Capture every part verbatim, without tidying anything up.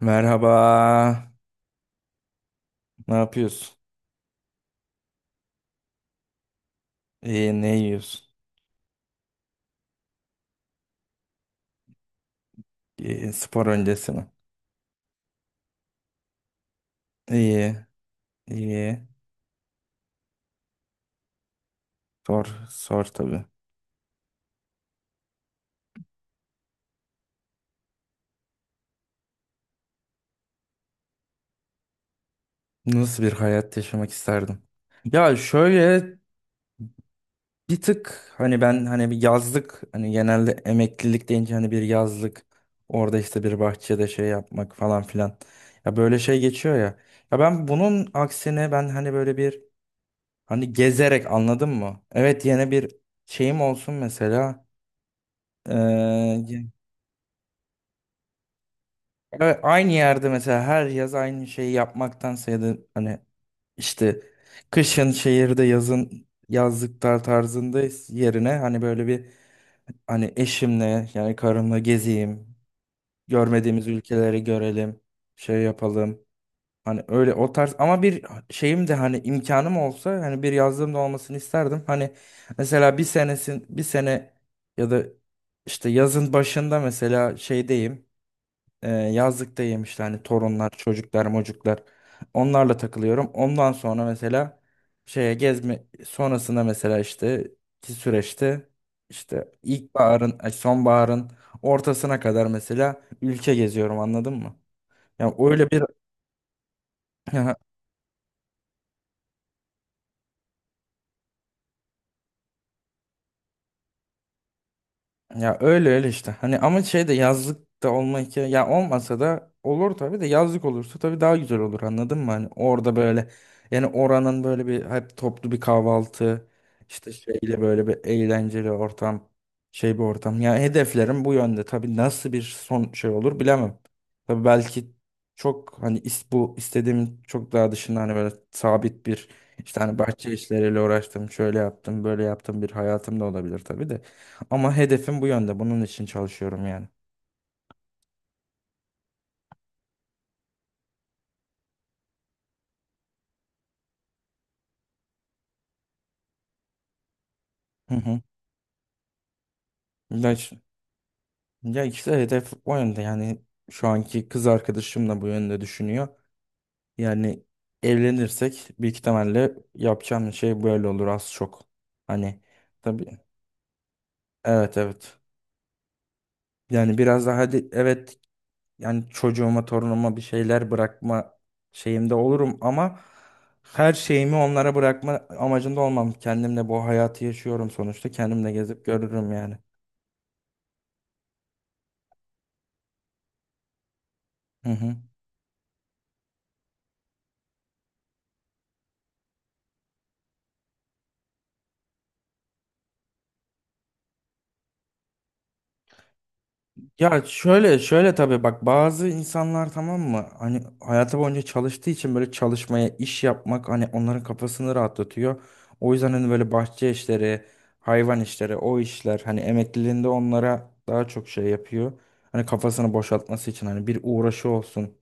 Merhaba. Ne yapıyorsun? İyi, ne yiyorsun? İyi, spor öncesi mi? İyi, iyi. Sor, sor tabii. Nasıl bir hayat yaşamak isterdim? Ya şöyle bir tık hani ben hani bir yazlık hani genelde emeklilik deyince hani bir yazlık orada işte bir bahçede şey yapmak falan filan. Ya böyle şey geçiyor ya. Ya ben bunun aksine ben hani böyle bir hani gezerek anladın mı? Evet yine bir şeyim olsun mesela. Ee, Evet, aynı yerde mesela her yaz aynı şeyi yapmaktansa ya da hani işte kışın şehirde yazın yazlıklar tarzında yerine hani böyle bir hani eşimle yani karımla gezeyim, görmediğimiz ülkeleri görelim, şey yapalım. Hani öyle o tarz ama bir şeyim de hani imkanım olsa hani bir yazlığım da olmasını isterdim. Hani mesela bir senesin bir sene ya da işte yazın başında mesela şeydeyim. E, yazlıkta yemişler hani torunlar, çocuklar, mocuklar. Onlarla takılıyorum. Ondan sonra mesela şeye gezme sonrasında mesela işte ki süreçte işte ilkbaharın, ay, sonbaharın ortasına kadar mesela ülke geziyorum anladın mı? Yani öyle bir Ya öyle öyle işte. Hani ama şey de yazlık da olmak ya ya olmasa da olur tabii de yazlık olursa tabii daha güzel olur anladın mı? Hani orada böyle yani oranın böyle bir hep toplu bir kahvaltı işte şeyle böyle bir eğlenceli ortam şey bir ortam. Ya hedeflerim bu yönde tabii nasıl bir son şey olur bilemem. Tabii belki çok hani is, bu istediğim çok daha dışında hani böyle sabit bir işte hani bahçe işleriyle uğraştım şöyle yaptım böyle yaptım bir hayatım da olabilir tabii de. Ama hedefim bu yönde. Bunun için çalışıyorum yani. Hı hı. Ya, ş- ya işte hedef o yönde. Yani şu anki kız arkadaşım da bu yönde düşünüyor. Yani evlenirsek büyük ihtimalle yapacağım şey böyle olur az çok. Hani tabii. Evet evet. Yani biraz daha hadi evet yani çocuğuma torunuma bir şeyler bırakma şeyimde olurum ama her şeyimi onlara bırakma amacında olmam. Kendimle bu hayatı yaşıyorum sonuçta. Kendimle gezip görürüm yani. Hı hı. Ya şöyle şöyle tabii bak bazı insanlar tamam mı hani hayatı boyunca çalıştığı için böyle çalışmaya iş yapmak hani onların kafasını rahatlatıyor. O yüzden hani böyle bahçe işleri, hayvan işleri, o işler hani emekliliğinde onlara daha çok şey yapıyor. Hani kafasını boşaltması için hani bir uğraşı olsun,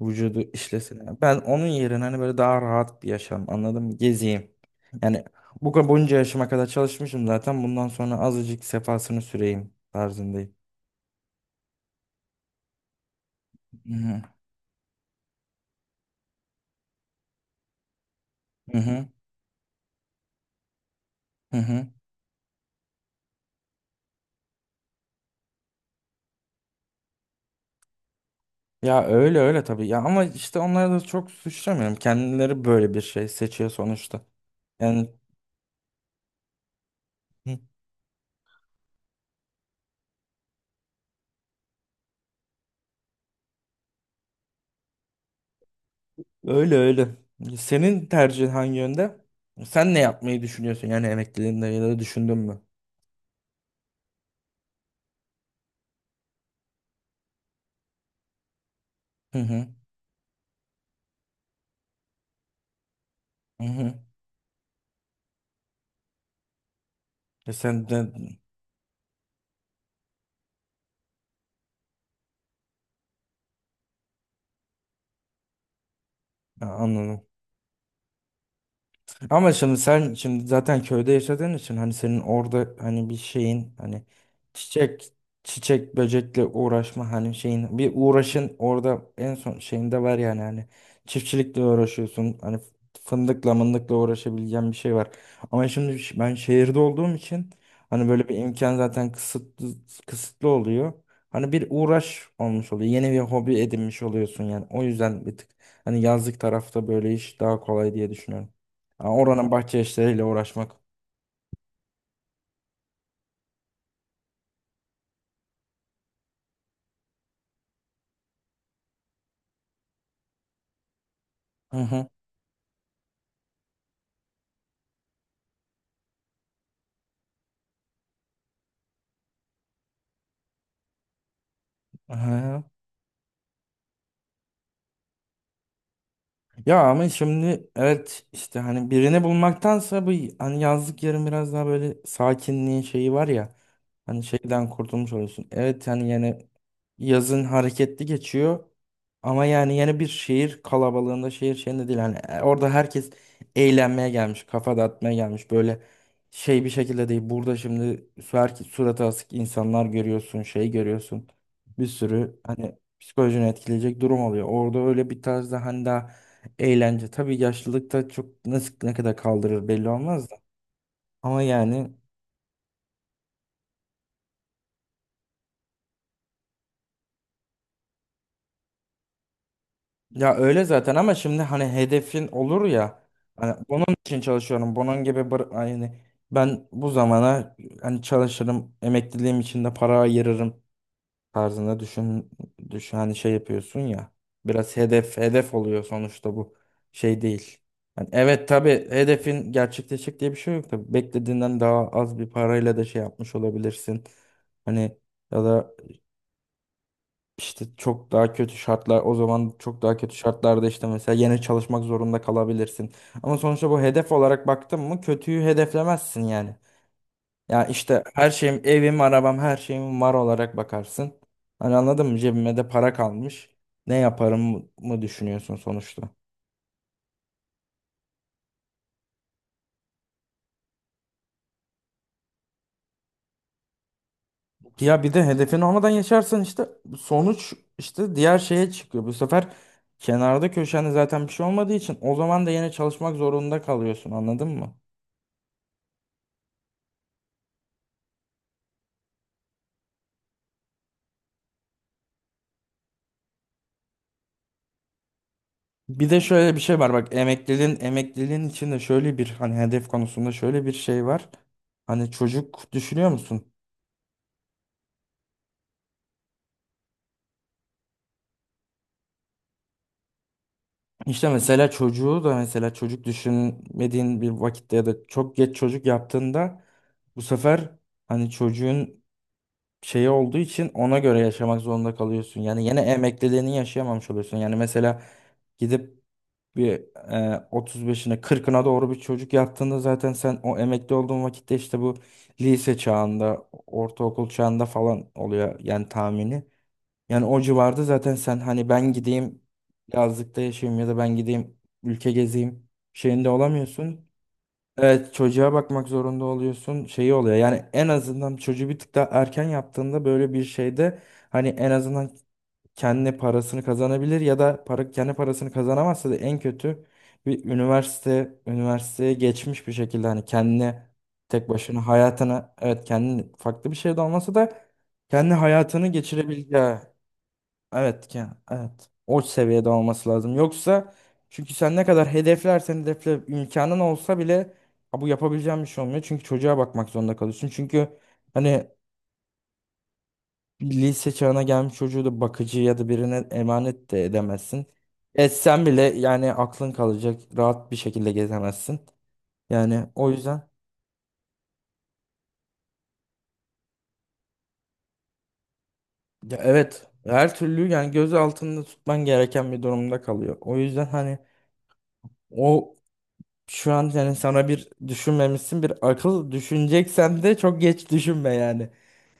vücudu işlesin. Ben onun yerine hani böyle daha rahat bir yaşam anladım mı? Gezeyim. Yani bu kadar bunca yaşıma kadar çalışmışım zaten bundan sonra azıcık sefasını süreyim tarzındayım. Hı hı. Hı hı. Ya öyle öyle tabii ya ama işte onları da çok suçlamıyorum. Kendileri böyle bir şey seçiyor sonuçta. Yani hı, öyle öyle. Senin tercihin hangi yönde? Sen ne yapmayı düşünüyorsun yani emekliliğinde ya da düşündün mü? Hı hı. Hı hı. E sen de Ha, anladım. Ama şimdi sen şimdi zaten köyde yaşadığın için hani senin orada hani bir şeyin hani çiçek çiçek böcekle uğraşma hani şeyin bir uğraşın orada en son şeyinde var yani hani çiftçilikle uğraşıyorsun hani fındıkla mındıkla uğraşabileceğin bir şey var. Ama şimdi ş- ben şehirde olduğum için hani böyle bir imkan zaten kısıtlı kısıtlı oluyor. Hani bir uğraş olmuş oluyor. Yeni bir hobi edinmiş oluyorsun yani. O yüzden bir tık hani yazlık tarafta böyle iş daha kolay diye düşünüyorum. Ha, oranın bahçe işleriyle uğraşmak. Hı hı. Hı. Ya ama şimdi evet işte hani birini bulmaktansa bu hani yazlık yerin biraz daha böyle sakinliğin şeyi var ya hani şeyden kurtulmuş oluyorsun. Evet hani yani yazın hareketli geçiyor ama yani yeni bir şehir kalabalığında şehir şeyinde değil hani e, orada herkes eğlenmeye gelmiş kafa dağıtmaya gelmiş böyle şey bir şekilde değil burada şimdi sürekli suratı asık insanlar görüyorsun şey görüyorsun bir sürü hani psikolojini etkileyecek durum oluyor. Orada öyle bir tarzda hani daha eğlence tabii yaşlılıkta çok nasıl ne kadar kaldırır belli olmaz da. Ama yani ya öyle zaten ama şimdi hani hedefin olur ya hani bunun için çalışıyorum. Bunun gibi bır- yani ben bu zamana hani çalışırım, emekliliğim için de para ayırırım tarzında düşün, düşün hani şey yapıyorsun ya. Biraz hedef hedef oluyor sonuçta bu şey değil. Yani evet tabii hedefin gerçekleşecek diye bir şey yok tabii. Beklediğinden daha az bir parayla da şey yapmış olabilirsin. Hani ya da işte çok daha kötü şartlar o zaman çok daha kötü şartlarda işte mesela yine çalışmak zorunda kalabilirsin. Ama sonuçta bu hedef olarak baktın mı kötüyü hedeflemezsin yani. Ya işte her şeyim, evim, arabam, her şeyim var olarak bakarsın. Hani anladın mı? Cebime de para kalmış. Ne yaparım mı düşünüyorsun sonuçta? Ya bir de hedefin olmadan yaşarsan işte sonuç işte diğer şeye çıkıyor. Bu sefer kenarda köşende zaten bir şey olmadığı için o zaman da yine çalışmak zorunda kalıyorsun anladın mı? Bir de şöyle bir şey var bak emekliliğin emekliliğin içinde şöyle bir hani hedef konusunda şöyle bir şey var. Hani çocuk düşünüyor musun? İşte mesela çocuğu da mesela çocuk düşünmediğin bir vakitte ya da çok geç çocuk yaptığında bu sefer hani çocuğun şeyi olduğu için ona göre yaşamak zorunda kalıyorsun. Yani yine emekliliğini yaşayamamış oluyorsun. Yani mesela gidip bir e, otuz beşine kırkına doğru bir çocuk yaptığında zaten sen o emekli olduğun vakitte işte bu lise çağında, ortaokul çağında falan oluyor yani tahmini. Yani o civarda zaten sen hani ben gideyim yazlıkta yaşayayım ya da ben gideyim ülke gezeyim şeyinde olamıyorsun. Evet çocuğa bakmak zorunda oluyorsun şeyi oluyor. Yani en azından çocuğu bir tık daha erken yaptığında böyle bir şeyde hani en azından kendi parasını kazanabilir ya da para, kendi parasını kazanamazsa da en kötü bir üniversite üniversiteye geçmiş bir şekilde hani kendine tek başına hayatına evet kendi farklı bir şey de olmasa da kendi hayatını geçirebileceği evet ki evet. O seviyede olması lazım. Yoksa çünkü sen ne kadar hedeflersen hedefle imkanın olsa bile "Ha, bu yapabileceğim bir şey olmuyor." Çünkü çocuğa bakmak zorunda kalıyorsun. Çünkü hani bir lise çağına gelmiş çocuğu da bakıcı ya da birine emanet de edemezsin. Etsen bile yani aklın kalacak. Rahat bir şekilde gezemezsin. Yani o yüzden ya evet her türlü yani göz altında tutman gereken bir durumda kalıyor. O yüzden hani o şu an yani sana bir düşünmemişsin bir akıl düşüneceksen de çok geç düşünme yani.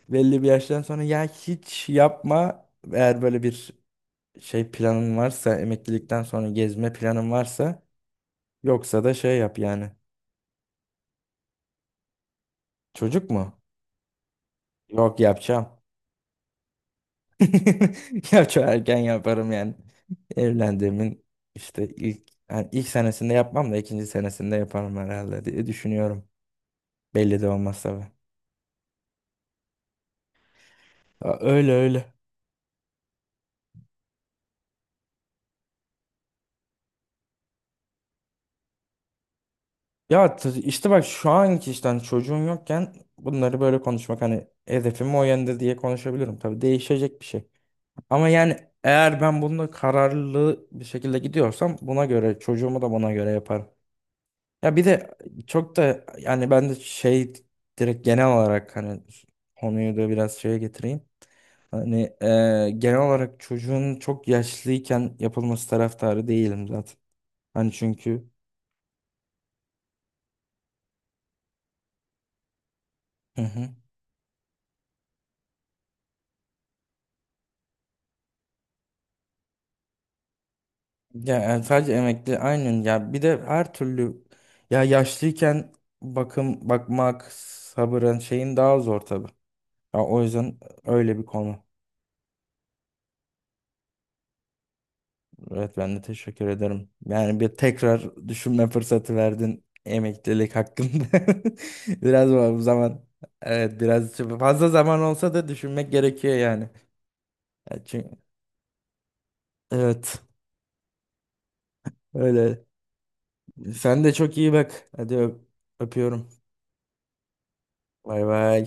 Belli bir yaştan sonra ya hiç yapma eğer böyle bir şey planın varsa emeklilikten sonra gezme planın varsa yoksa da şey yap yani. Çocuk mu? Yok yapacağım. Yapacağım erken yaparım yani. Evlendiğimin işte ilk yani ilk senesinde yapmam da ikinci senesinde yaparım herhalde diye düşünüyorum. Belli de olmaz tabii. Aa, öyle öyle. Ya t- işte bak şu anki işte hani çocuğun yokken bunları böyle konuşmak hani hedefim o yönde diye konuşabilirim. Tabii değişecek bir şey. Ama yani eğer ben bununla kararlı bir şekilde gidiyorsam buna göre çocuğumu da buna göre yaparım. Ya bir de çok da yani ben de şey direkt genel olarak hani konuyu da biraz şeye getireyim. Hani e, genel olarak çocuğun çok yaşlıyken yapılması taraftarı değilim zaten. Hani çünkü hı hı. Ya yani sadece emekli aynen ya bir de her türlü ya yaşlıyken bakım bakmak sabırın şeyin daha zor tabii. Ya o yüzden öyle bir konu. Evet ben de teşekkür ederim. Yani bir tekrar düşünme fırsatı verdin emeklilik hakkında. Biraz bu zaman evet biraz fazla zaman olsa da düşünmek gerekiyor yani. Ya çünkü- evet öyle. Sen de çok iyi bak. Hadi öp- öpüyorum. Bay bay.